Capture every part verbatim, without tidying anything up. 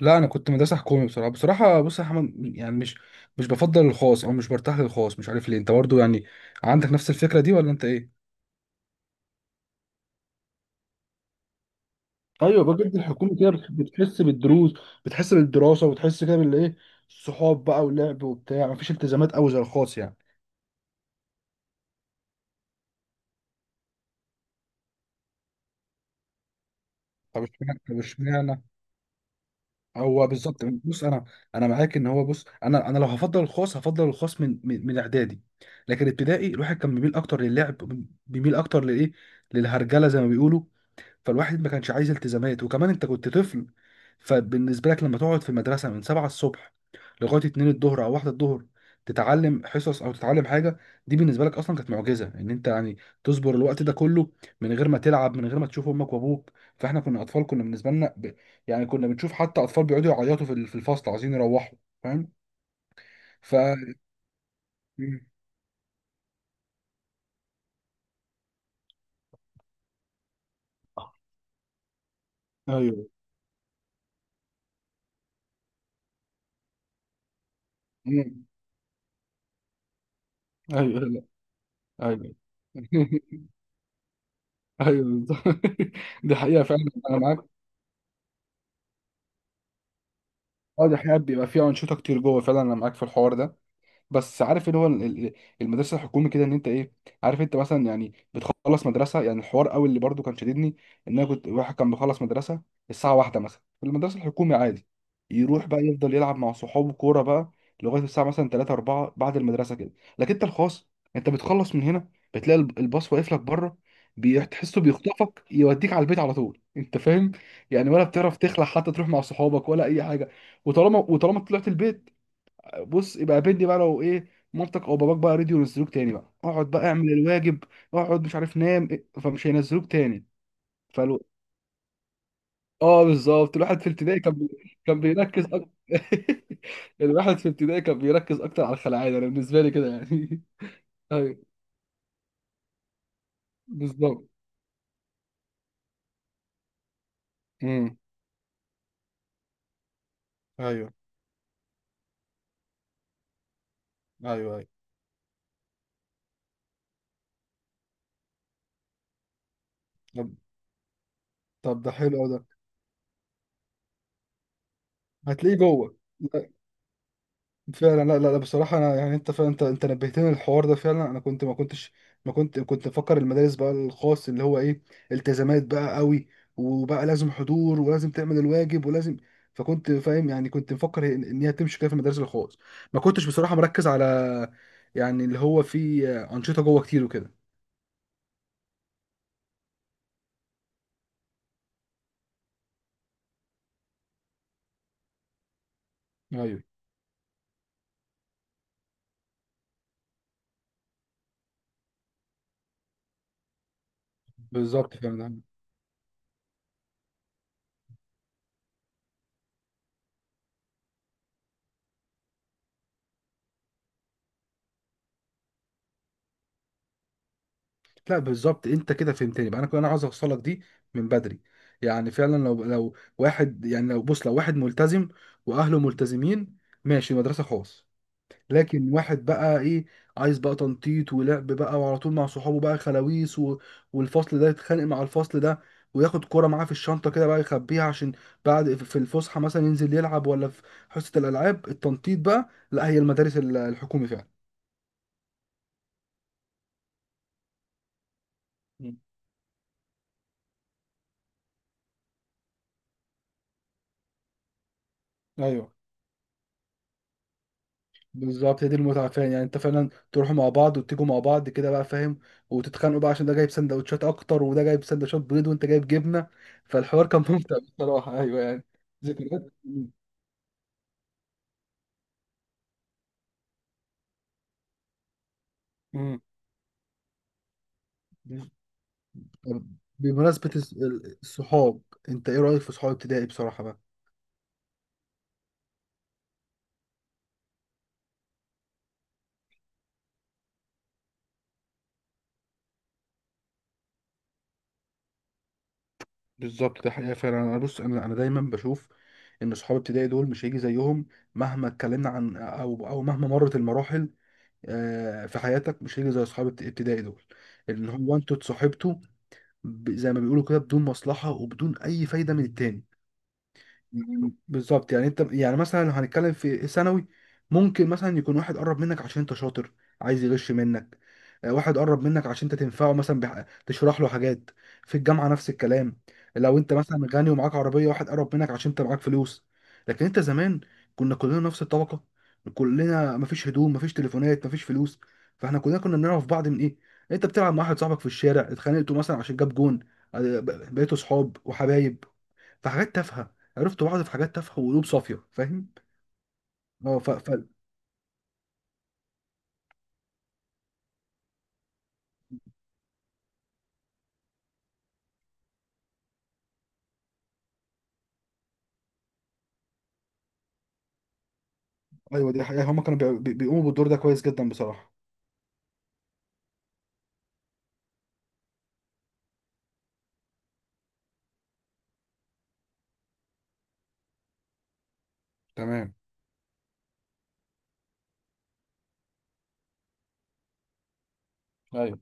لا انا كنت مدرسه حكومي. بصراحه بصراحه بص يا احمد، يعني مش مش بفضل الخاص او مش برتاح للخاص، مش عارف ليه. انت برضو يعني عندك نفس الفكره دي ولا انت ايه؟ ايوه بجد، الحكومه كده بتح- بتحس بالدروس، بتحس بالدراسه وبتحس كده بالايه، الصحاب بقى واللعب وبتاع، مفيش التزامات قوي زي الخاص يعني. طب اشمعنى طب اشمعنى هو بالظبط. بص انا انا معاك ان هو، بص انا، انا لو هفضل الخاص هفضل الخاص من من, من اعدادي، لكن ابتدائي الواحد كان بيميل اكتر للعب، بيميل اكتر لايه، للهرجله زي ما بيقولوا. فالواحد ما كانش عايز التزامات، وكمان انت كنت طفل، فبالنسبه لك لما تقعد في المدرسه من سبعة الصبح لغايه اتنين الظهر او واحدة الظهر، تتعلم حصص او تتعلم حاجه، دي بالنسبه لك اصلا كانت معجزه، ان انت يعني تصبر الوقت ده كله من غير ما تلعب، من غير ما تشوف امك وابوك. فاحنا كنا اطفال، كنا بالنسبه لنا ب... يعني كنا بنشوف حتى اطفال بيقعدوا يعيطوا في ال- في الفصل، عايزين يروحوا، فاهم؟ ف مم. ايوه. مم. ايوه، لا، ايوه. ايوه، بالظبط. دي حقيقه فعلا، انا معاك. اه دي حقيقة، بيبقى فيها أنشطة كتير جوه فعلا، أنا معاك في الحوار ده. بس عارف اللي هو ال- ال- المدرسه الحكومي كده، ان انت ايه، عارف انت مثلا يعني بتخلص مدرسه. يعني الحوار قوي اللي برضو كان شددني، ان انا كنت واحد كان بيخلص مدرسه الساعه واحدة مثلا في المدرسه الحكومي عادي، يروح بقى يفضل يلعب مع صحابه كوره بقى لغايه الساعه مثلا ثلاثة اربعة بعد المدرسه كده. لكن انت الخاص، انت بتخلص من هنا، بتلاقي الب- الباص واقف لك بره، بي- تحسه بيخطفك، يوديك على البيت على طول، انت فاهم يعني، ولا بتعرف تخلع حتى تروح مع صحابك ولا اي حاجه. وطالما وطالما طلعت البيت، بص يبقى بندي بقى لو ايه، مامتك او باباك بقى رضيوا ينزلوك تاني بقى، اقعد بقى اعمل الواجب، اقعد مش عارف نام إيه، فمش هينزلوك تاني. فلو، اه بالظبط، الواحد في ابتدائي كان بي... كان بيركز أكتر. الواحد في ابتدائي كان بيركز اكتر على الخلاعية انا بالنسبه لي كده يعني. ايوه بالظبط. امم، ايوه، ايوه، ايوه. طب طب ده حلو أوي ده. هتلاقيه جوه فعلا. لا لا لا بصراحة، أنا يعني أنت فعلا، أنت أنت نبهتني للحوار ده فعلا، أنا كنت ما كنتش ما كنت كنت مفكر المدارس بقى الخاص اللي هو إيه، التزامات بقى قوي، وبقى لازم حضور ولازم تعمل الواجب ولازم. فكنت فاهم يعني، كنت مفكر إن إن هي تمشي كده في المدارس الخاص، ما كنتش بصراحة مركز على يعني اللي هو فيه أنشطة جوه كتير وكده. ايوه بالظبط فعلا. لا بالظبط انت كده فهمتني بقى، انا كنت، انا عاوز اوصلك دي من بدري. يعني فعلا، لو لو واحد يعني، لو بص لو واحد ملتزم واهله ملتزمين، ماشي مدرسه خاص. لكن واحد بقى ايه، عايز بقى تنطيط ولعب بقى وعلى طول مع صحابه بقى خلاويص و... والفصل ده يتخانق مع الفصل ده، وياخد كرة معاه في الشنطة كده بقى يخبيها عشان بعد في الفسحة مثلا ينزل يلعب، ولا في حصة الألعاب التنطيط بقى، لا هي المدارس ال- الحكومي فعلا. مم. ايوه بالظبط، هي دي المتعة فعلا. يعني انت فعلا تروحوا مع بعض وتيجوا مع بعض كده بقى فاهم، وتتخانقوا بقى عشان ده جايب سندوتشات اكتر وده جايب سندوتشات بيض وانت جايب جبنة. فالحوار كان ممتع بصراحة، ايوه يعني. ذكريات. مم. طب، بمناسبة الس- الصحاب، انت ايه رأيك في صحاب ابتدائي بصراحة بقى؟ بالظبط، ده حقيقة فعلا. انا بص، انا انا دايما بشوف ان صحاب ابتدائي دول مش هيجي زيهم، مهما اتكلمنا عن او او مهما مرت المراحل، آه، في حياتك مش هيجي زي صحاب ابت- ابتدائي دول، ان هو انتوا اتصاحبتوا ب- زي ما بيقولوا كده بدون مصلحة وبدون أي فايدة من التاني. بالظبط، يعني انت يعني مثلا لو هنتكلم في ثانوي، ممكن مثلا يكون واحد قرب منك عشان انت شاطر، عايز يغش منك، آه، واحد قرب منك عشان انت تنفعه مثلا، بح... تشرح له حاجات. في الجامعه نفس الكلام، لو انت مثلا غني ومعاك عربيه، واحد قرب منك عشان انت معاك فلوس. لكن انت زمان، كنا كلنا نفس الطبقه، كلنا مفيش هدوم، مفيش تليفونات، مفيش فلوس، فاحنا كلنا كنا بنعرف بعض من ايه، انت بتلعب مع واحد صاحبك في الشارع، اتخانقتوا مثلا عشان جاب جون، آه، ب- بقيتوا صحاب وحبايب، في حاجات تافهه عرفت بعض، في حاجات تافهه وقلوب صافيه، فاهم. اه ف... ف... ايوه دي حقيقة، هما كانوا بي- بي- بيقوموا بالدور ده كويس جدا بصراحة. تمام، ايوه،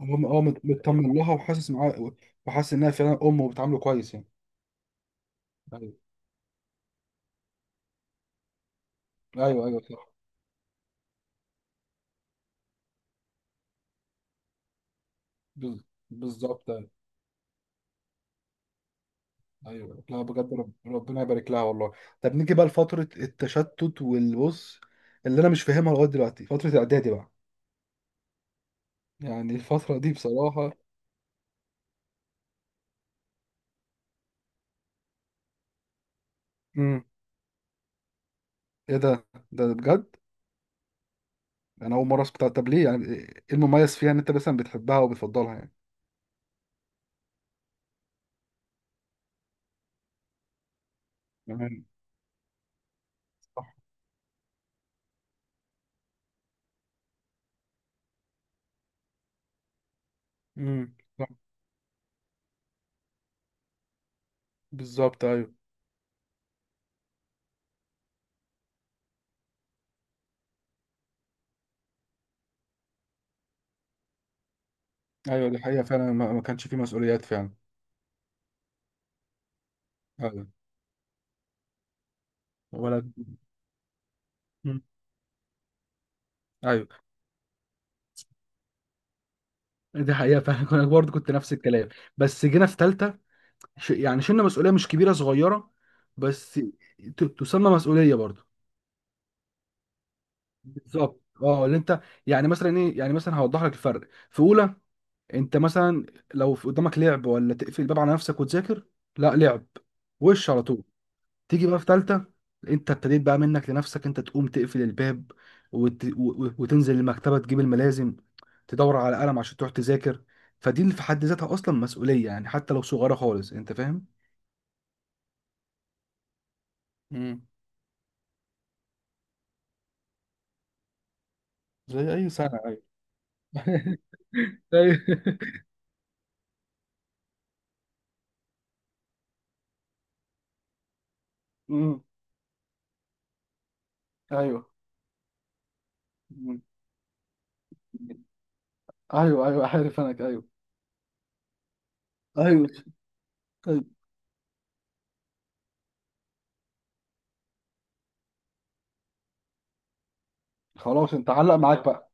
هما اه مت- مطمن لها وحاسس معاه، وحاسس انها فعلا ام وبتعامله كويس يعني. ايوه، ايوه، ايوه صح. بز- بالظبط ايوه. أيوة. لا بجد، رب... ربنا يبارك لها والله. طب نيجي بقى لفترة التشتت والبص اللي انا مش فاهمها لغاية دلوقتي، فترة اعدادي بقى. يعني الفترة دي بصراحة. امم. ايه ده؟ ده بجد؟ انا اول مره اسمع. طب طب ليه يعني، ايه المميز فيها ان انت مثلا بتحبها وبتفضلها يعني؟ تمام. صح. امم. صح بالظبط. ايوه، ايوه دي حقيقة فعلا، ما ما كانش فيه مسؤوليات فعلا. ايوه. ولا. مم. ايوه، دي حقيقة فعلا. انا برضه كنت نفس الكلام، بس جينا في تالتة، ش... يعني شلنا مسؤولية مش كبيرة، صغيرة بس، ت... تسمى مسؤولية برضه. بالظبط، اه اللي انت، يعني مثلا ايه، يعني مثلا هوضح لك الفرق. في اولى انت مثلا، لو في قدامك لعب ولا تقفل الباب على نفسك وتذاكر، لا لعب، وش على طول. تيجي بقى في تالتة، انت ابتديت بقى منك لنفسك انت تقوم تقفل الباب وت... و... وتنزل المكتبة، تجيب الملازم، تدور على قلم عشان تروح تذاكر، فدي اللي في حد ذاتها اصلا مسؤولية يعني، حتى لو صغيرة خالص، انت فاهم. مم. زي اي سنه. ايوه. ايوه. مم. ايوه. مم. ايوه، ايوه عارف انا، ايوه ايوه. أيوة. خلاص، انت علق معاك بقى.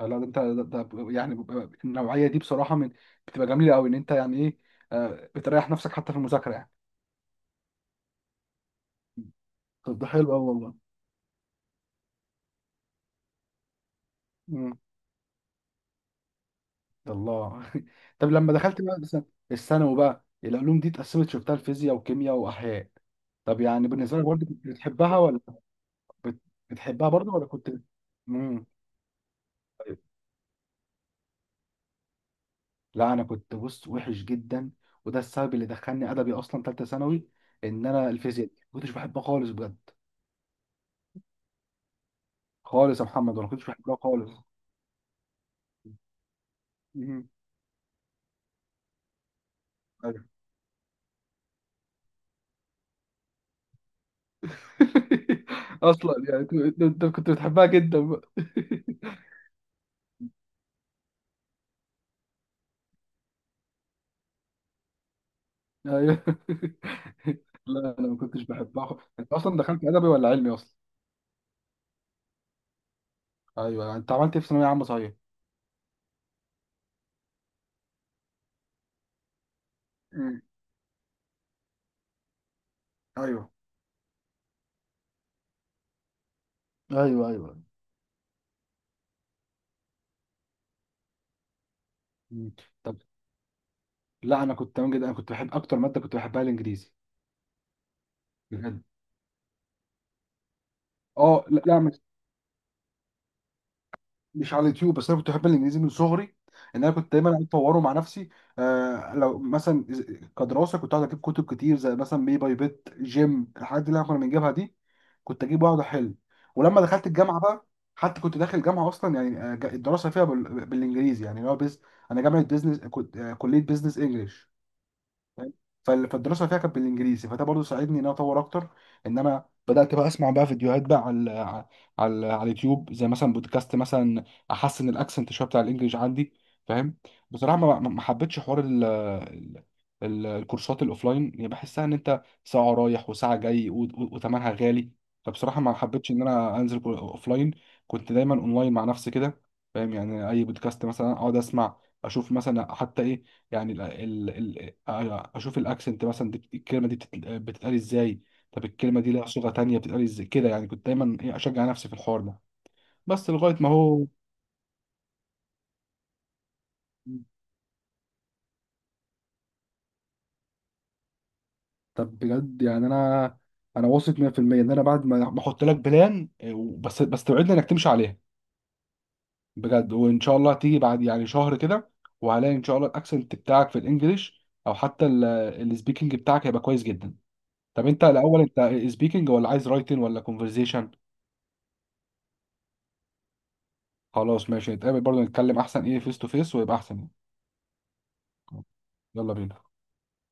آه، لا ده انت، ده ده يعني بيبقى، النوعيه دي بصراحه من، بتبقى جميله قوي، ان انت يعني ايه، آه، بتريح نفسك حتى في المذاكره يعني. طب ده حلو قوي والله. امم. الله. طب لما دخلت بقى مثلا الثانوي بقى، العلوم دي اتقسمت شفتها الفيزياء وكيمياء واحياء، طب يعني بالنسبه لك برضه كنت بتحبها ولا، بت- بتحبها برضه، ولا كنت؟ امم. لا انا كنت بص وحش جدا، وده السبب اللي دخلني ادبي اصلا ثالثه ثانوي، ان انا الفيزياء دي ما كنتش بحبها خالص بجد. خالص يا محمد، ولا كنتش بحبها خالص. مهم. ايوه. اصلا يعني انت أنت كنت بتحبها جدا بقى. ايوه. لا انا ما كنتش بحبها. انت اصلا دخلت ادبي ولا علمي اصلا؟ ايوه. انت عملت ايه في ثانويه عامه صحيح؟ مم. ايوه، ايوه، ايوه. مم. طب. لا انا كنت تمام جدا، انا كنت بحب، اكتر ماده كنت بحبها الانجليزي. بجد. اه لا لا، مش على اليوتيوب بس، انا كنت بحب الانجليزي من صغري، ان انا كنت دايما قاعد اطوره مع نفسي. آه لو مثلا إز- كدراسه، كنت قاعد اجيب كتب كتير زي مثلا بي باي بيت جيم، الحاجات دي اللي احنا كنا بنجيبها دي، كنت اجيب واقعد احل. ولما دخلت الجامعه بقى، حتى كنت داخل الجامعه اصلا يعني، آه، جا- الدراسه فيها بال- بالانجليزي يعني اللي هو بز... انا جامعه بزنس كنت، آه، كليه بزنس انجلش، فاهم؟ فال- فالدراسه فيها كانت بالانجليزي، فده برضو ساعدني ان انا اطور اكتر، ان انا بدات بقى اسمع بقى فيديوهات بقى على على على على اليوتيوب، زي مثلا بودكاست مثلا، احسن الاكسنت شويه بتاع الانجليش عندي، فاهم. بصراحه ما ما ما حبيتش حوار ال ال- ال- الكورسات الاوفلاين، يعني بحسها ان انت ساعه رايح وساعه جاي، و- و- وثمنها غالي، فبصراحه ما حبيتش ان انا انزل كور- اوفلاين، كنت دايما اونلاين مع نفسي كده، فاهم، يعني اي بودكاست مثلا اقعد اسمع، اشوف مثلا حتى ايه، يعني أيوة، اشوف الاكسنت مثلا، دي الكلمه دي بتت- بتتقال ازاي، طب الكلمه دي لها صيغه تانية بتتقال ازاي، كده يعني، كنت دايما إيه، اشجع نفسي في الحوار ده، بس لغايه ما هو. طب بجد، يعني انا انا واثق مية في المية ان انا بعد ما ما احط لك بلان، إيه، بس بس توعدني انك تمشي عليها. بجد، وان شاء الله تيجي بعد يعني شهر كده، وهلاقي ان شاء الله الاكسنت بتاعك في الانجليش او حتى السبيكنج بتاعك هيبقى كويس جدا. طب انت الاول، انت سبيكنج ولا عايز رايتنج ولا كونفرزيشن؟ خلاص ماشي، نتقابل برضه، نتكلم احسن ايه، فيس تو فيس، ويبقى احسن يعني. يلا بينا.